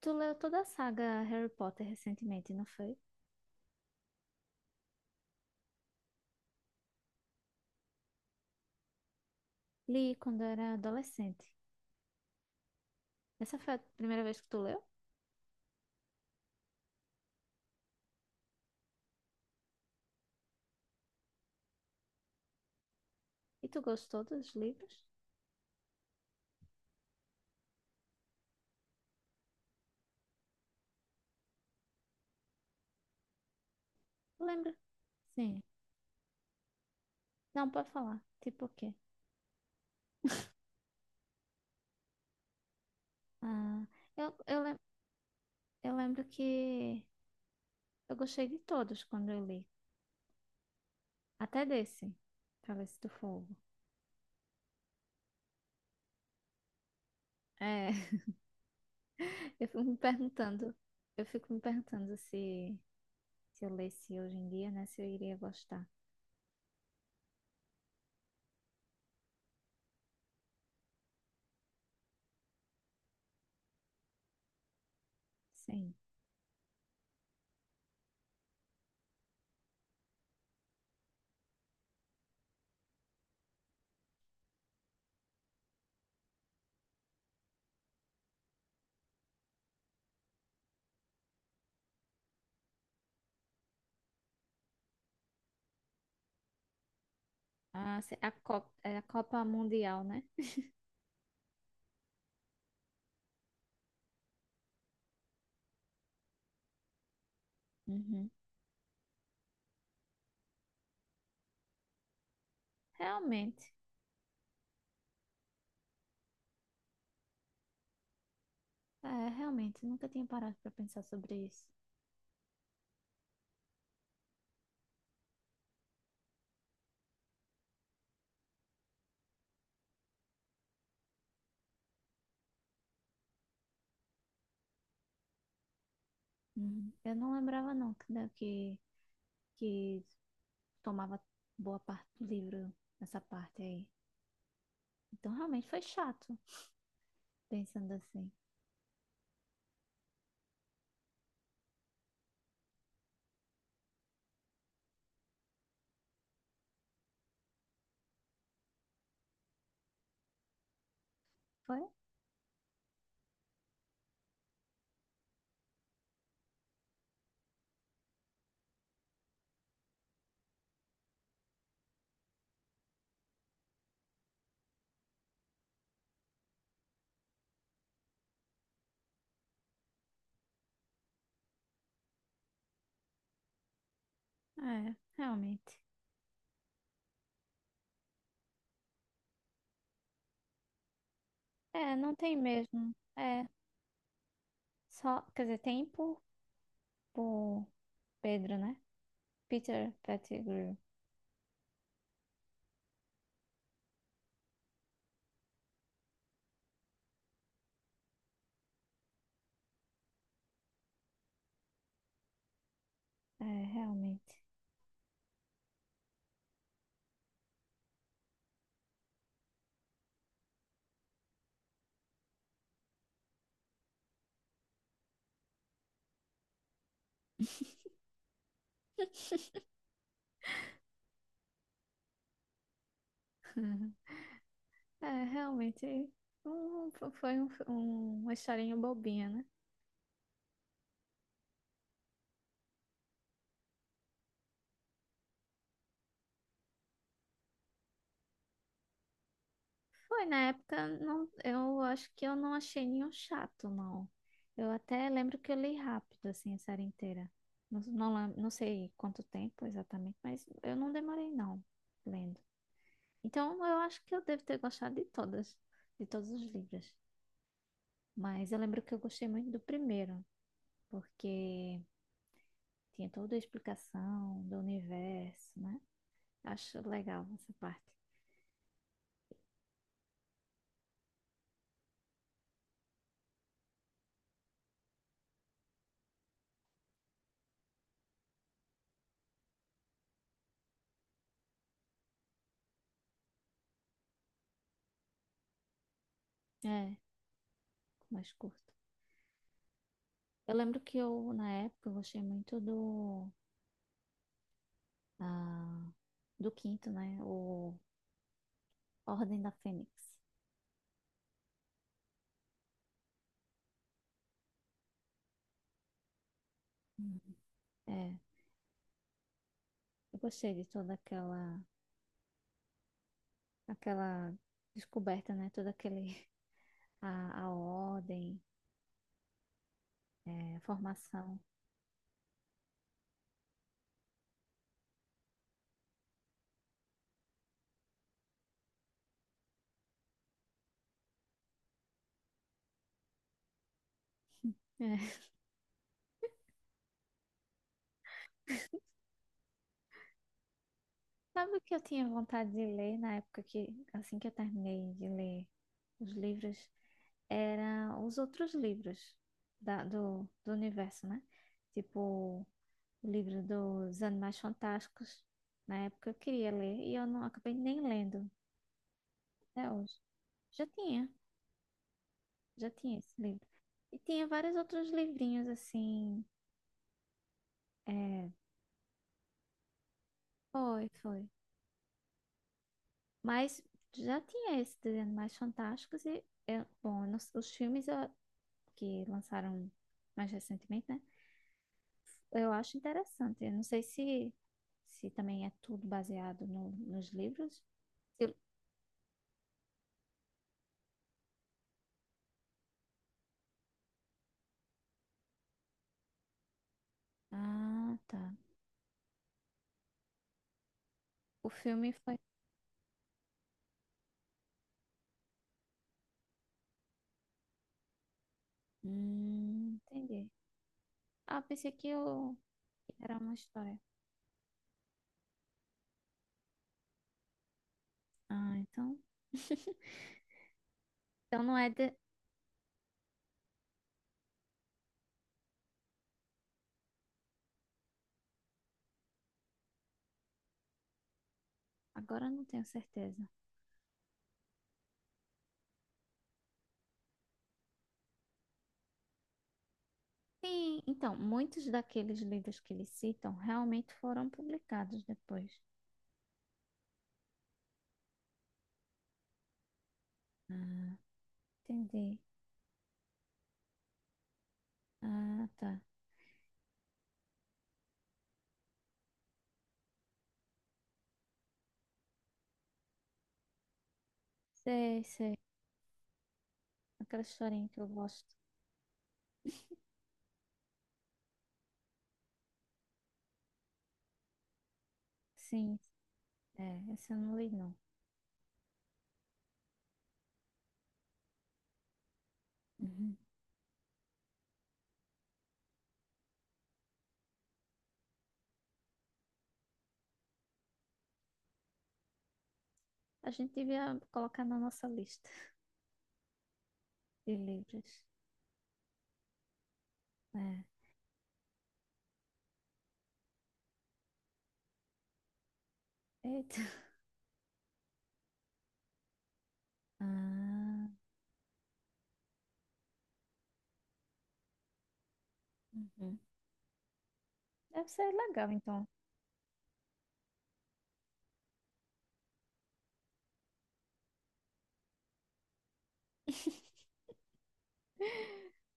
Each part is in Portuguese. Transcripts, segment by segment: Tu leu toda a saga Harry Potter recentemente, não foi? Li quando era adolescente. Essa foi a primeira vez que tu leu? E tu gostou dos livros? Lembra? Sim. Não, pode falar. Tipo o quê? Ah, eu, eu, lem- eu lembro que eu gostei de todos quando eu li. Até desse, Cálice do Fogo. É, eu fico me perguntando, eu fico me perguntando se eu lesse hoje em dia, né? Se eu iria gostar. Sim. A Copa, a Copa Mundial, né? Uhum. Realmente, é, realmente, nunca tinha parado para pensar sobre isso. Uhum. Eu não lembrava não que, né, que tomava boa parte do livro nessa parte aí. Então realmente foi chato, pensando assim. Foi? É, realmente. É, não tem mesmo. É, só, quer dizer, tem por Pedro, né? Peter Pettigrew. É, realmente. É, realmente. um- Foi uma historinha bobinha, né? Foi, na época, não, eu acho que eu não achei nenhum chato, não. Eu até lembro que eu li rápido, assim, a série inteira. Não sei quanto tempo exatamente, mas eu não demorei, não, lendo. Então, eu acho que eu devo ter gostado de todas, de todos os livros. Mas eu lembro que eu gostei muito do primeiro, porque tinha toda a explicação do universo, né? Acho legal essa parte. É, mais curto. Eu lembro que eu, na época, eu gostei muito do Ah, do quinto, né? O Ordem da Fênix. Uhum. É, eu gostei de toda aquela descoberta, né? Toda aquele, a ordem, é, a formação. É. Sabe o que eu tinha vontade de ler na época que, assim que eu terminei de ler os livros, era os outros livros do universo, né? Tipo, o livro dos Animais Fantásticos. Na época eu queria ler e eu não acabei nem lendo até hoje. Já tinha, já tinha esse livro. E tinha vários outros livrinhos assim. É, foi, foi. Mas já tinha esses desenhos mais fantásticos e, eu- bom, eu não- s- os filmes eu- que lançaram mais recentemente, né? Eu acho interessante. Eu não sei se, se também é tudo baseado nos livros. Se- Ah, tá. O filme foi. Entendi. Ah, pensei que eu... que era uma história. Ah, então. Então não é de... Agora eu não tenho certeza. Sim, então, muitos daqueles livros que eles citam realmente foram publicados depois. Ah, entendi. Ah, tá. Sei, sei. Aquela historinha que eu gosto. Sim, é, essa eu não li, não. Uhum. A gente devia colocar na nossa lista de livros. É. Eita. Ah, uhum. Deve ser legal, então.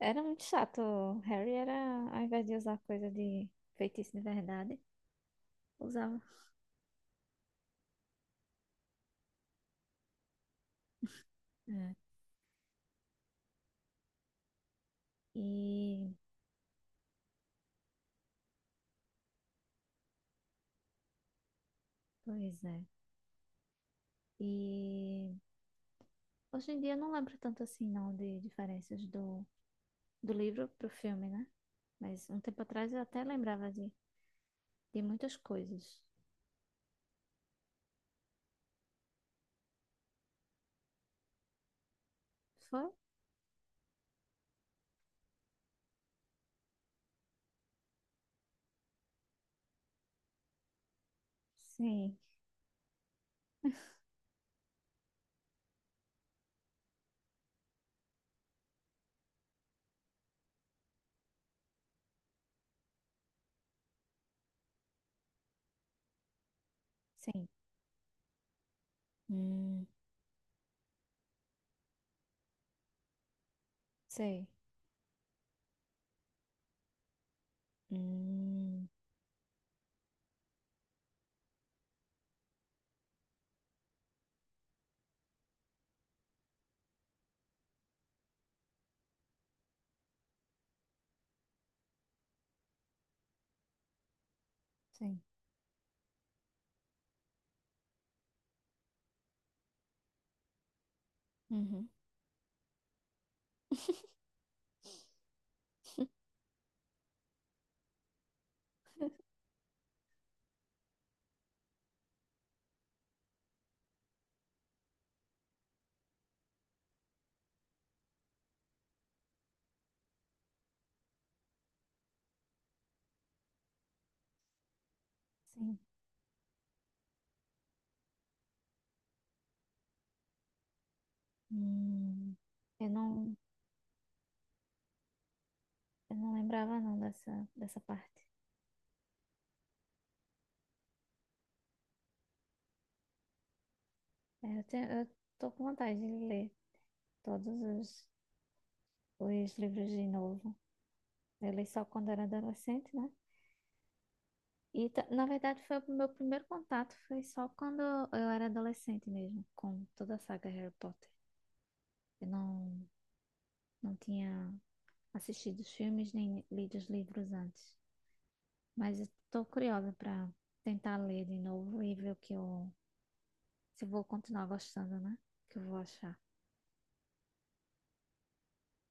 Era muito chato. O Harry era, ao invés de usar coisa de feitiço de verdade, usava. É. E pois é. E hoje em dia eu não lembro tanto assim, não, de diferenças do livro pro filme, né? Mas um tempo atrás eu até lembrava de muitas coisas. Foi? Sim, sim. Hum, sei. Hum, sim. Uhum, sim. Hum, eu não, eu não lembrava não dessa parte. É, eu, tenho, eu tô com vontade de ler todos os livros de novo. Eu li só quando era adolescente, né? Na verdade, foi o meu primeiro contato foi só quando eu era adolescente mesmo, com toda a saga Harry Potter. Eu não, não tinha assistido os filmes nem lido os livros antes. Mas estou curiosa para tentar ler de novo e ver o que eu, se eu vou continuar gostando, né? O que eu vou achar.